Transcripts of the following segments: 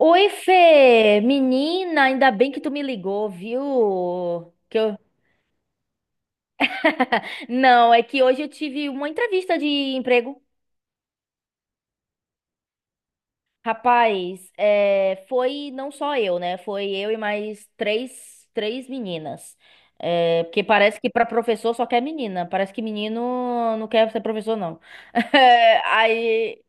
Oi, Fê! Menina, ainda bem que tu me ligou, viu? Que eu... Não, é que hoje eu tive uma entrevista de emprego. Rapaz, foi não só eu, né? Foi eu e mais três meninas. É, porque parece que para professor só quer menina. Parece que menino não quer ser professor, não. Aí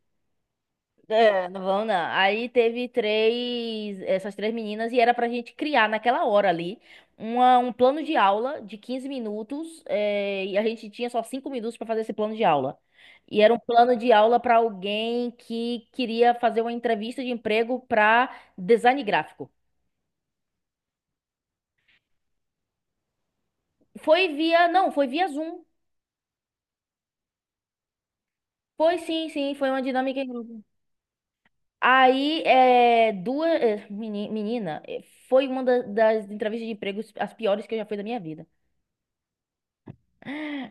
é, não vão não. Aí teve três, essas três meninas, e era pra gente criar naquela hora ali um plano de aula de 15 minutos, e a gente tinha só 5 minutos pra fazer esse plano de aula. E era um plano de aula pra alguém que queria fazer uma entrevista de emprego pra design gráfico. Foi via, não, foi via Zoom. Foi uma dinâmica em grupo. Aí, duas, menina, é, foi uma das entrevistas de emprego as piores que eu já fiz da minha vida.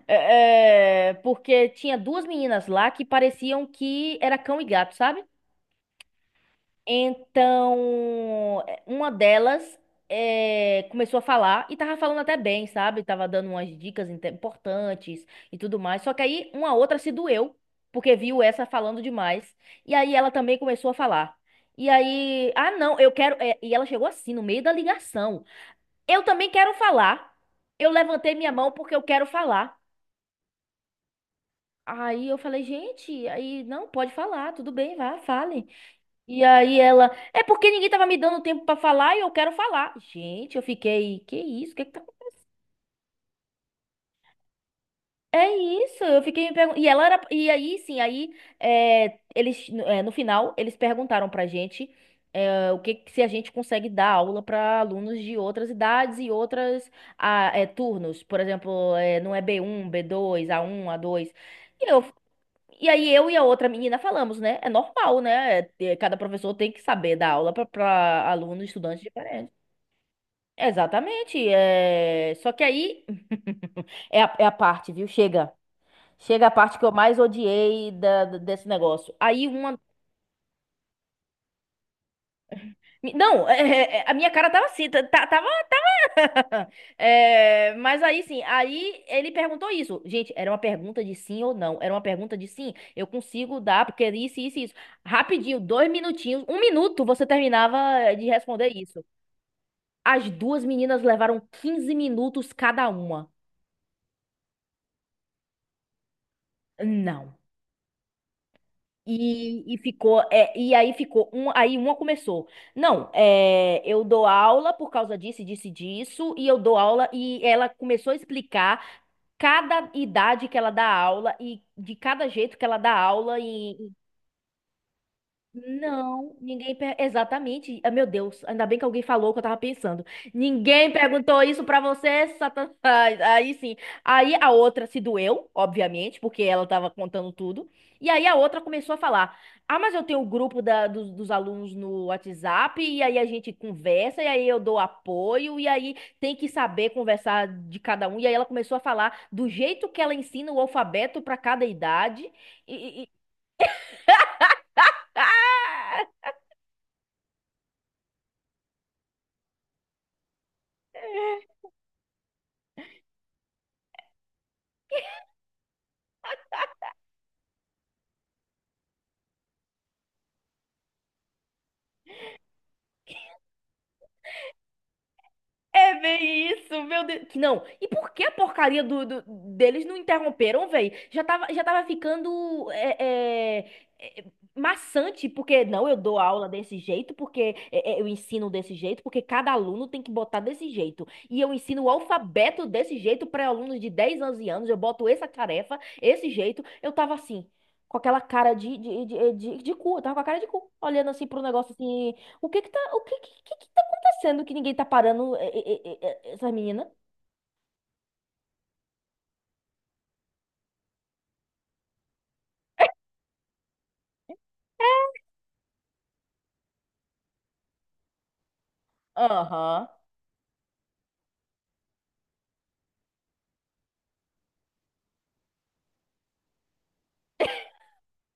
Porque tinha duas meninas lá que pareciam que era cão e gato, sabe? Então, é, uma delas é, começou a falar e tava falando até bem, sabe? Tava dando umas dicas importantes e tudo mais. Só que aí uma outra se doeu, porque viu essa falando demais. E aí ela também começou a falar. E aí, ah, não, eu quero. E ela chegou assim, no meio da ligação. Eu também quero falar. Eu levantei minha mão porque eu quero falar. Aí eu falei, gente, aí não, pode falar, tudo bem, vá, fale. E aí ela, é porque ninguém tava me dando tempo pra falar e eu quero falar. Gente, eu fiquei, que isso? Que tá... É isso, eu fiquei me perguntando. E ela era, e aí sim, aí é, eles, é, no final, eles perguntaram pra gente é, o se a gente consegue dar aula pra alunos de outras idades e outras ah, é, turnos. Por exemplo, é, não é b um b dois a um a dois. E aí eu e a outra menina falamos, né? É normal, né? Cada professor tem que saber dar aula para alunos, estudantes diferentes. Exatamente. É... Só que aí é a parte, viu? Chega. Chega a parte que eu mais odiei desse negócio. Aí uma. Não, a minha cara tava assim, tava ah, é, mas aí sim, aí ele perguntou isso. Gente, era uma pergunta de sim ou não. Era uma pergunta de sim. Eu consigo dar, porque é isso. Rapidinho, 2 minutinhos, 1 minuto, você terminava de responder isso. As duas meninas levaram 15 minutos cada uma. Não. E ficou, é, e aí ficou, um, aí uma começou. Não, é, eu dou aula por causa disso, e disso, e eu dou aula, e ela começou a explicar cada idade que ela dá aula e de cada jeito que ela dá aula e, não, ninguém. Exatamente. Ah, meu Deus, ainda bem que alguém falou o que eu tava pensando. Ninguém perguntou isso pra você, Satanás. Aí sim. Aí a outra se doeu, obviamente, porque ela tava contando tudo. E aí a outra começou a falar: ah, mas eu tenho o grupo dos, dos alunos no WhatsApp, e aí a gente conversa, e aí eu dou apoio, e aí tem que saber conversar de cada um. E aí ela começou a falar do jeito que ela ensina o alfabeto pra cada idade. E, e- e- ah! É bem isso, meu Deus. Que não. E por que a porcaria deles não interromperam, velho? Já tava ficando é, maçante, porque não, eu dou aula desse jeito, porque eu ensino desse jeito, porque cada aluno tem que botar desse jeito. E eu ensino o alfabeto desse jeito para alunos de 10, 11 anos, eu boto essa tarefa, esse jeito. Eu tava assim, com aquela cara de cu, eu tava com a cara de cu, olhando assim pro negócio assim, o que que tá sendo que ninguém tá parando essas meninas? Aham.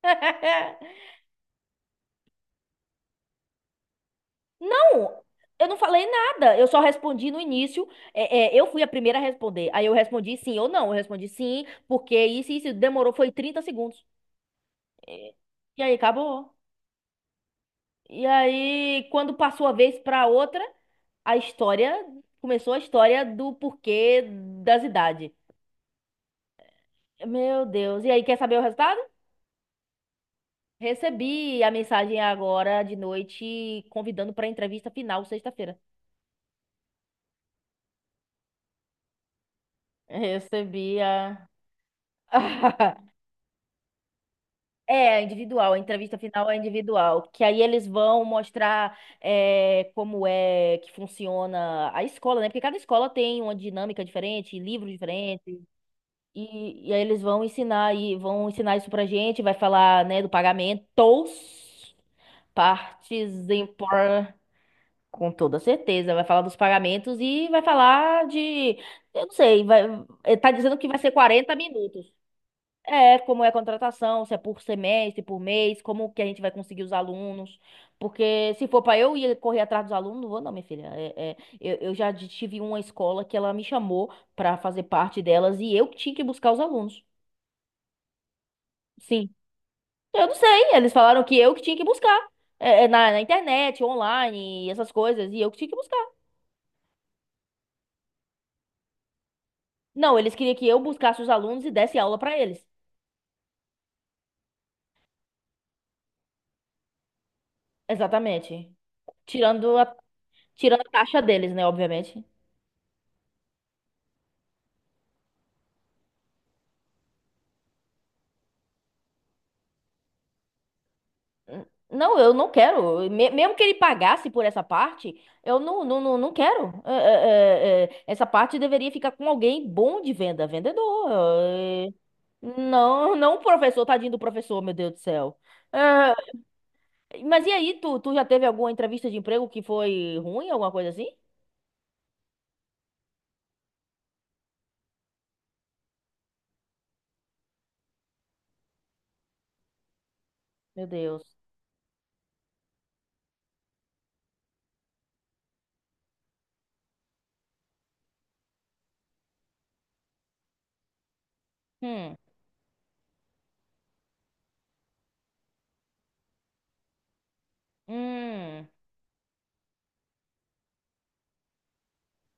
Não, eu não falei nada. Eu só respondi no início. Eu fui a primeira a responder. Aí eu respondi sim ou não. Eu respondi sim, porque isso, e isso demorou, foi 30 segundos. E, e aí acabou. E aí, quando passou a vez pra outra, a história começou a história do porquê das idades. Meu Deus. E aí, quer saber o resultado? Recebi a mensagem agora de noite convidando para a entrevista final sexta-feira. Recebi a. É, individual, a entrevista final é individual, que aí eles vão mostrar é como é que funciona a escola, né? Porque cada escola tem uma dinâmica diferente, livro diferente, e aí eles vão ensinar e vão ensinar isso pra gente, vai falar, né, do pagamento, partes importantes. Com toda certeza, vai falar dos pagamentos e vai falar de, eu não sei, vai, eh, tá dizendo que vai ser 40 minutos. É, como é a contratação, se é por semestre, por mês, como que a gente vai conseguir os alunos. Porque se for para eu ir correr atrás dos alunos, não vou não, minha filha. Eu já tive uma escola que ela me chamou para fazer parte delas e eu que tinha que buscar os alunos. Sim. Eu não sei, eles falaram que eu que tinha que buscar. Na, na internet, online, essas coisas, e eu que tinha que buscar. Não, eles queriam que eu buscasse os alunos e desse aula pra eles. Exatamente. Tirando a, tirando a taxa deles, né, obviamente. Não, eu não quero. Mesmo que ele pagasse por essa parte, eu não quero. Essa parte deveria ficar com alguém bom de venda, vendedor. É, não, não o professor, tadinho do professor, meu Deus do céu. É, mas e aí, tu já teve alguma entrevista de emprego que foi ruim, alguma coisa assim? Meu Deus. Hum, hum,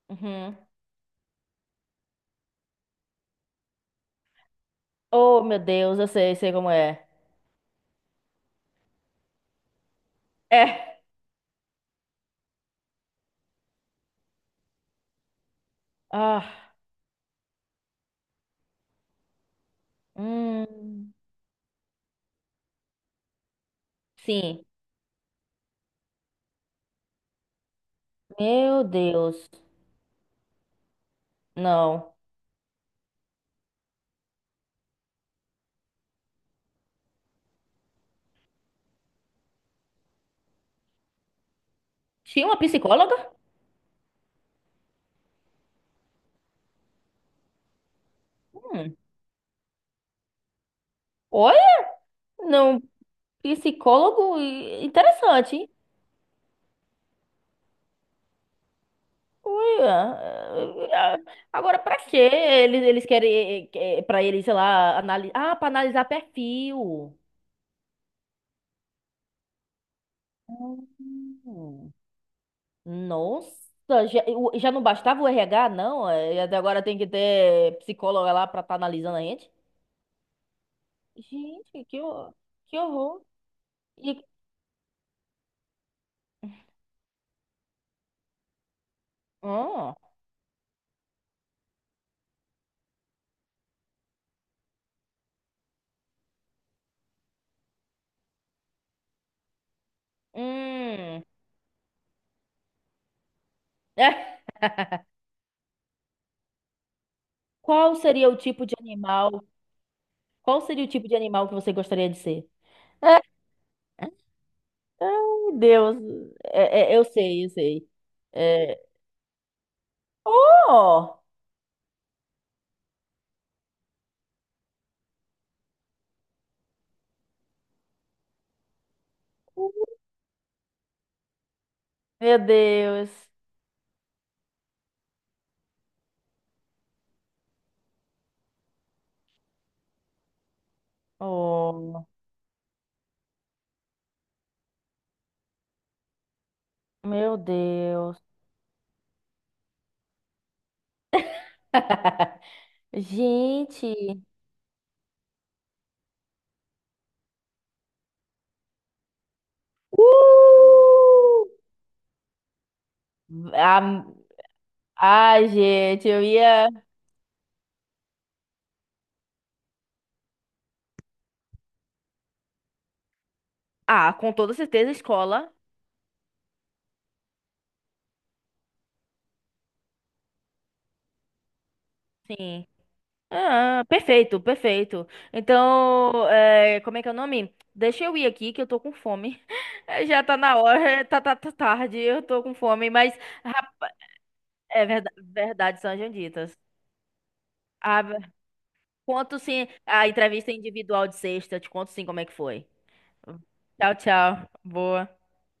uhum. Oh, meu Deus, eu sei, sei como é. É. Ah, hum, sim. Meu Deus. Não. Tinha uma psicóloga? Hum. Olha, não, psicólogo interessante, hein? Olha, agora pra quê? Eles querem pra eles, sei lá, analisar. Ah, pra analisar perfil. Hum. Nossa, já, já não bastava o RH, não? Até agora tem que ter psicóloga lá pra estar analisando a gente? Gente, que, hor- que horror. E, oh, hum. É, qual seria o tipo de animal? Qual seria o tipo de animal que você gostaria de ser? É, ai, Deus. Eu sei, eu sei. É, oh! Meu Deus. Oh, meu Deus. Gente. Uh! Ah, ai, gente, eu ia. Ah, com toda certeza, escola. Sim. Ah, perfeito, perfeito. Então, é, como é que é o nome? Deixa eu ir aqui que eu tô com fome. É, já tá na hora, tá tarde, eu tô com fome, mas rap- é verdade, sejam ditas. Ah, conto sim a entrevista individual de sexta, te conto sim como é que foi. Tchau, tchau. Boa.